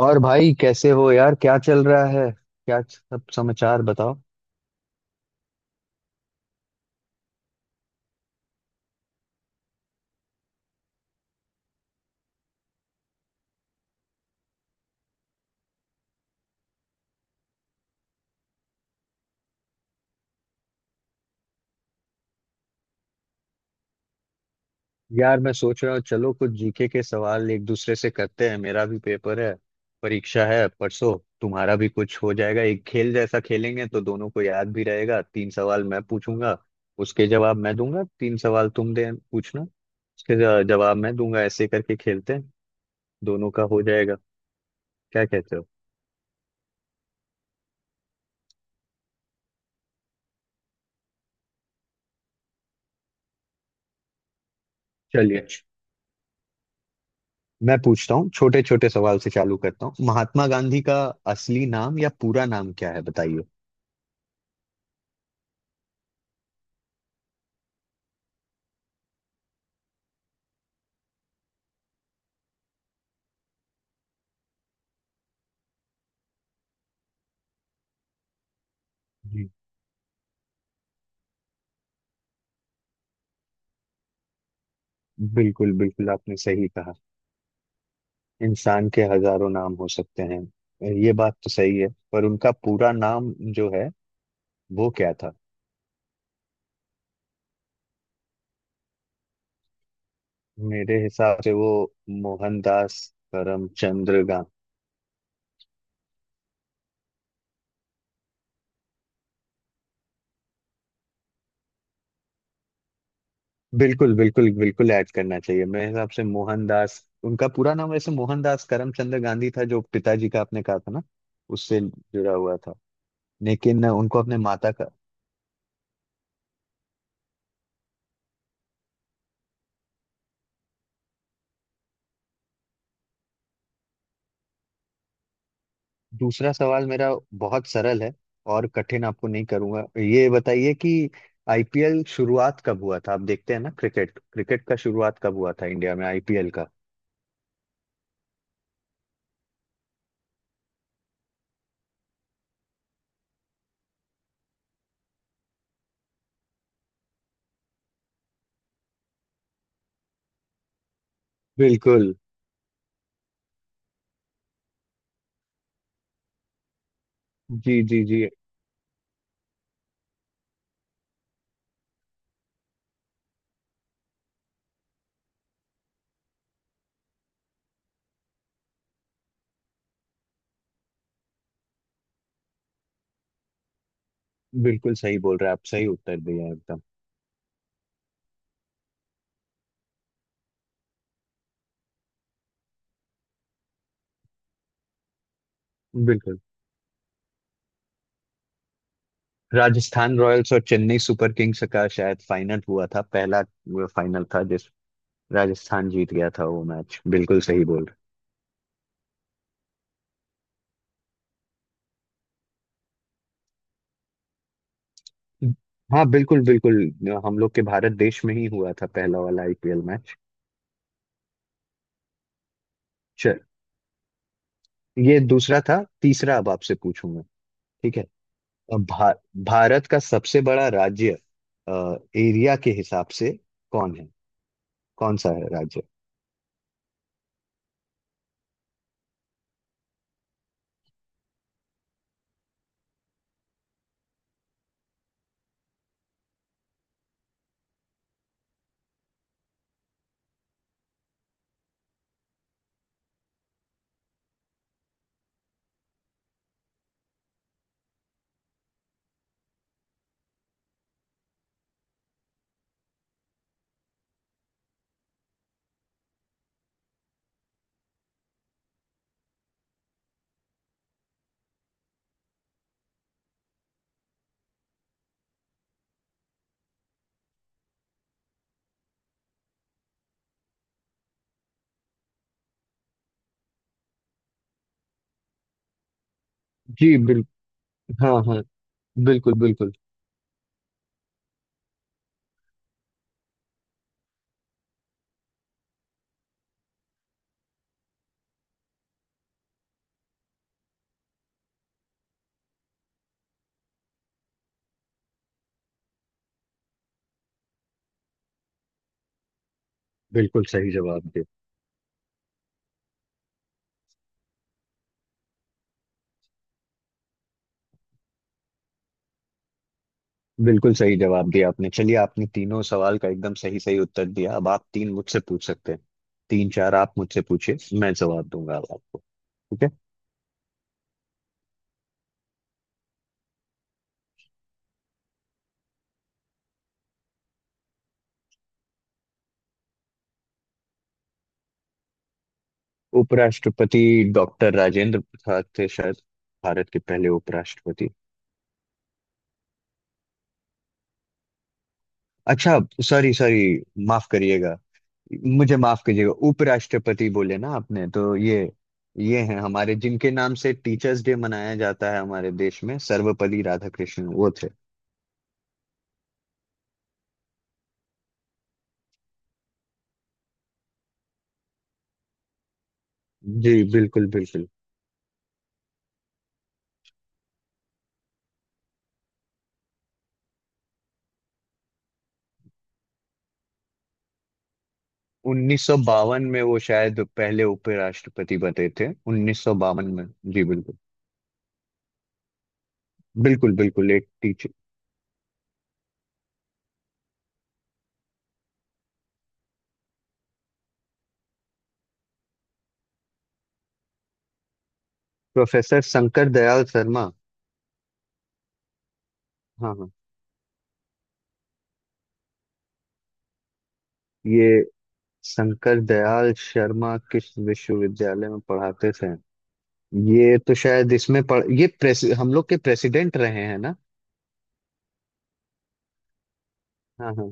और भाई कैसे हो यार, क्या चल रहा है? क्या सब समाचार बताओ? यार, मैं सोच रहा हूँ चलो कुछ जीके के सवाल एक दूसरे से करते हैं। मेरा भी पेपर है, परीक्षा है परसों। तुम्हारा भी कुछ हो जाएगा, एक खेल जैसा खेलेंगे तो दोनों को याद भी रहेगा। तीन सवाल मैं पूछूंगा, उसके जवाब मैं दूंगा। तीन सवाल तुम दे पूछना, उसके जवाब मैं दूंगा। ऐसे करके खेलते हैं, दोनों का हो जाएगा। क्या कहते हो? चलिए, मैं पूछता हूँ। छोटे छोटे सवाल से चालू करता हूँ। महात्मा गांधी का असली नाम या पूरा नाम क्या है, बताइए। जी, बिल्कुल बिल्कुल, आपने सही कहा। इंसान के हजारों नाम हो सकते हैं, ये बात तो सही है। पर उनका पूरा नाम जो है वो क्या था? मेरे हिसाब से वो मोहनदास करमचंद गांधी। बिल्कुल बिल्कुल बिल्कुल ऐड करना चाहिए। मेरे हिसाब से मोहनदास, उनका पूरा नाम वैसे मोहनदास करमचंद गांधी था, जो पिताजी का आपने कहा था ना, उससे जुड़ा हुआ था। लेकिन उनको अपने माता का। दूसरा सवाल मेरा बहुत सरल है और कठिन आपको नहीं करूंगा। ये बताइए कि आईपीएल शुरुआत कब हुआ था? आप देखते हैं ना क्रिकेट, क्रिकेट का शुरुआत कब हुआ था इंडिया में, आईपीएल का? बिल्कुल। जी जी जी, बिल्कुल सही बोल रहे हैं आप, सही उत्तर दिया है एकदम। बिल्कुल, राजस्थान रॉयल्स और चेन्नई सुपर किंग्स का शायद फाइनल हुआ था पहला। फाइनल था जिस राजस्थान जीत गया था वो मैच, बिल्कुल सही बोल। हाँ, बिल्कुल बिल्कुल। हम लोग के भारत देश में ही हुआ था पहला वाला आईपीएल मैच। चल, ये दूसरा था, तीसरा अब आपसे पूछूंगा, ठीक है? अब भारत का सबसे बड़ा राज्य एरिया के हिसाब से कौन है? कौन सा है राज्य? जी बिल्कुल। हाँ हाँ, बिल्कुल बिल्कुल बिल्कुल। सही जवाब दिया, बिल्कुल सही जवाब दिया आपने। चलिए, आपने तीनों सवाल का एकदम सही सही उत्तर दिया। अब आप तीन मुझसे पूछ सकते हैं। तीन चार आप मुझसे पूछिए, मैं जवाब दूंगा अब आपको। ठीक है। उपराष्ट्रपति डॉक्टर राजेंद्र प्रसाद थे शायद, भारत के पहले उपराष्ट्रपति। अच्छा, सॉरी सॉरी, माफ करिएगा। मुझे माफ कीजिएगा, उपराष्ट्रपति बोले ना आपने तो। ये हैं हमारे जिनके नाम से टीचर्स डे मनाया जाता है हमारे देश में, सर्वपल्ली राधाकृष्णन वो थे। जी बिल्कुल बिल्कुल। 1952 में वो शायद पहले उपराष्ट्रपति बने थे, 1952 में। जी बिल्कुल बिल्कुल बिल्कुल, एक टीचर। प्रोफेसर शंकर दयाल शर्मा। हाँ हाँ, ये शंकर दयाल शर्मा किस विश्वविद्यालय में पढ़ाते थे? ये तो शायद इसमें पढ़, ये प्रेस, हम लोग के प्रेसिडेंट रहे हैं ना? हाँ हाँ,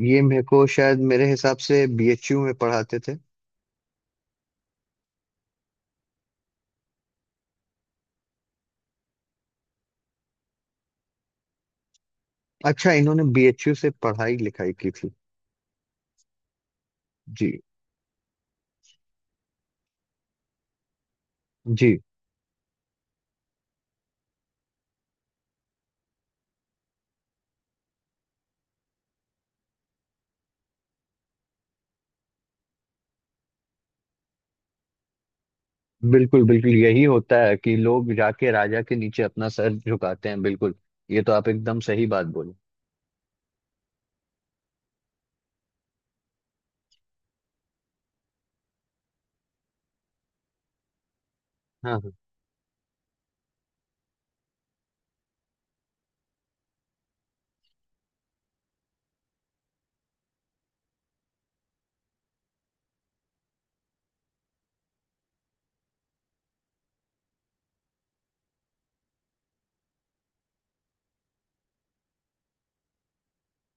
ये मेरे को शायद, मेरे हिसाब से बीएचयू में पढ़ाते थे। अच्छा, इन्होंने बीएचयू से पढ़ाई लिखाई की थी। जी जी। बिल्कुल बिल्कुल, यही होता है कि लोग जाके राजा के नीचे अपना सर झुकाते हैं, बिल्कुल। ये तो आप एकदम सही बात बोले। हाँ हाँ।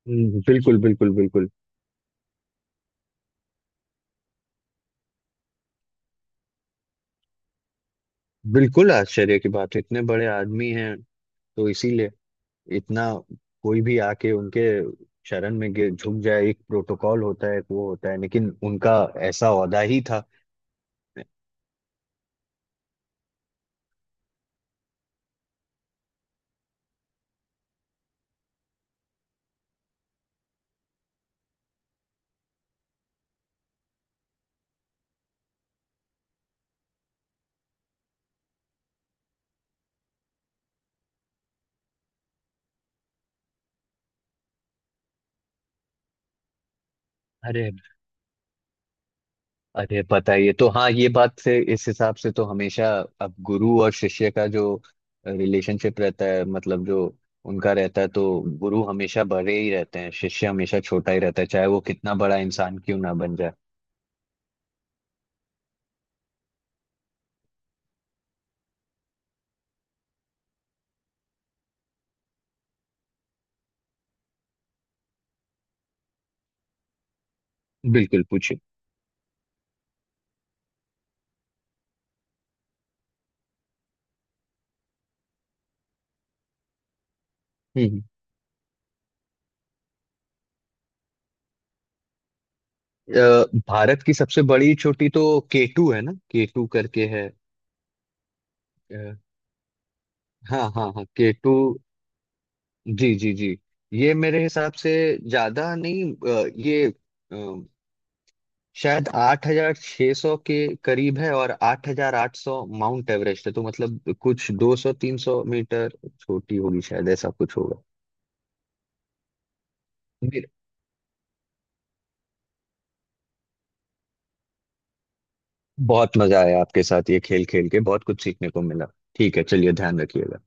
बिल्कुल बिल्कुल बिल्कुल। बिल्कुल आश्चर्य की बात है, इतने बड़े आदमी हैं। तो इसीलिए इतना, कोई भी आके उनके शरण में झुक जाए। एक प्रोटोकॉल होता है, एक वो होता है, लेकिन उनका ऐसा औदा ही था। अरे, अरे पता ही है। तो हाँ, ये बात से इस हिसाब से तो हमेशा। अब गुरु और शिष्य का जो रिलेशनशिप रहता है, मतलब जो उनका रहता है, तो गुरु हमेशा बड़े ही रहते हैं, शिष्य हमेशा छोटा ही रहता है, चाहे वो कितना बड़ा इंसान क्यों ना बन जाए। बिल्कुल, पूछिए। हम्म भारत की सबसे बड़ी चोटी तो केटू है ना, केटू करके है। अ, हाँ हाँ हाँ, के टू। जी जी जी। ये मेरे हिसाब से ज्यादा नहीं, ये अ, शायद 8,600 के करीब है, और 8,800 माउंट एवरेस्ट है। तो मतलब कुछ 200 300 मीटर छोटी होगी शायद, ऐसा कुछ होगा। मेरे- बहुत मजा आया आपके साथ ये खेल खेल के, बहुत कुछ सीखने को मिला। ठीक है, चलिए, ध्यान रखिएगा।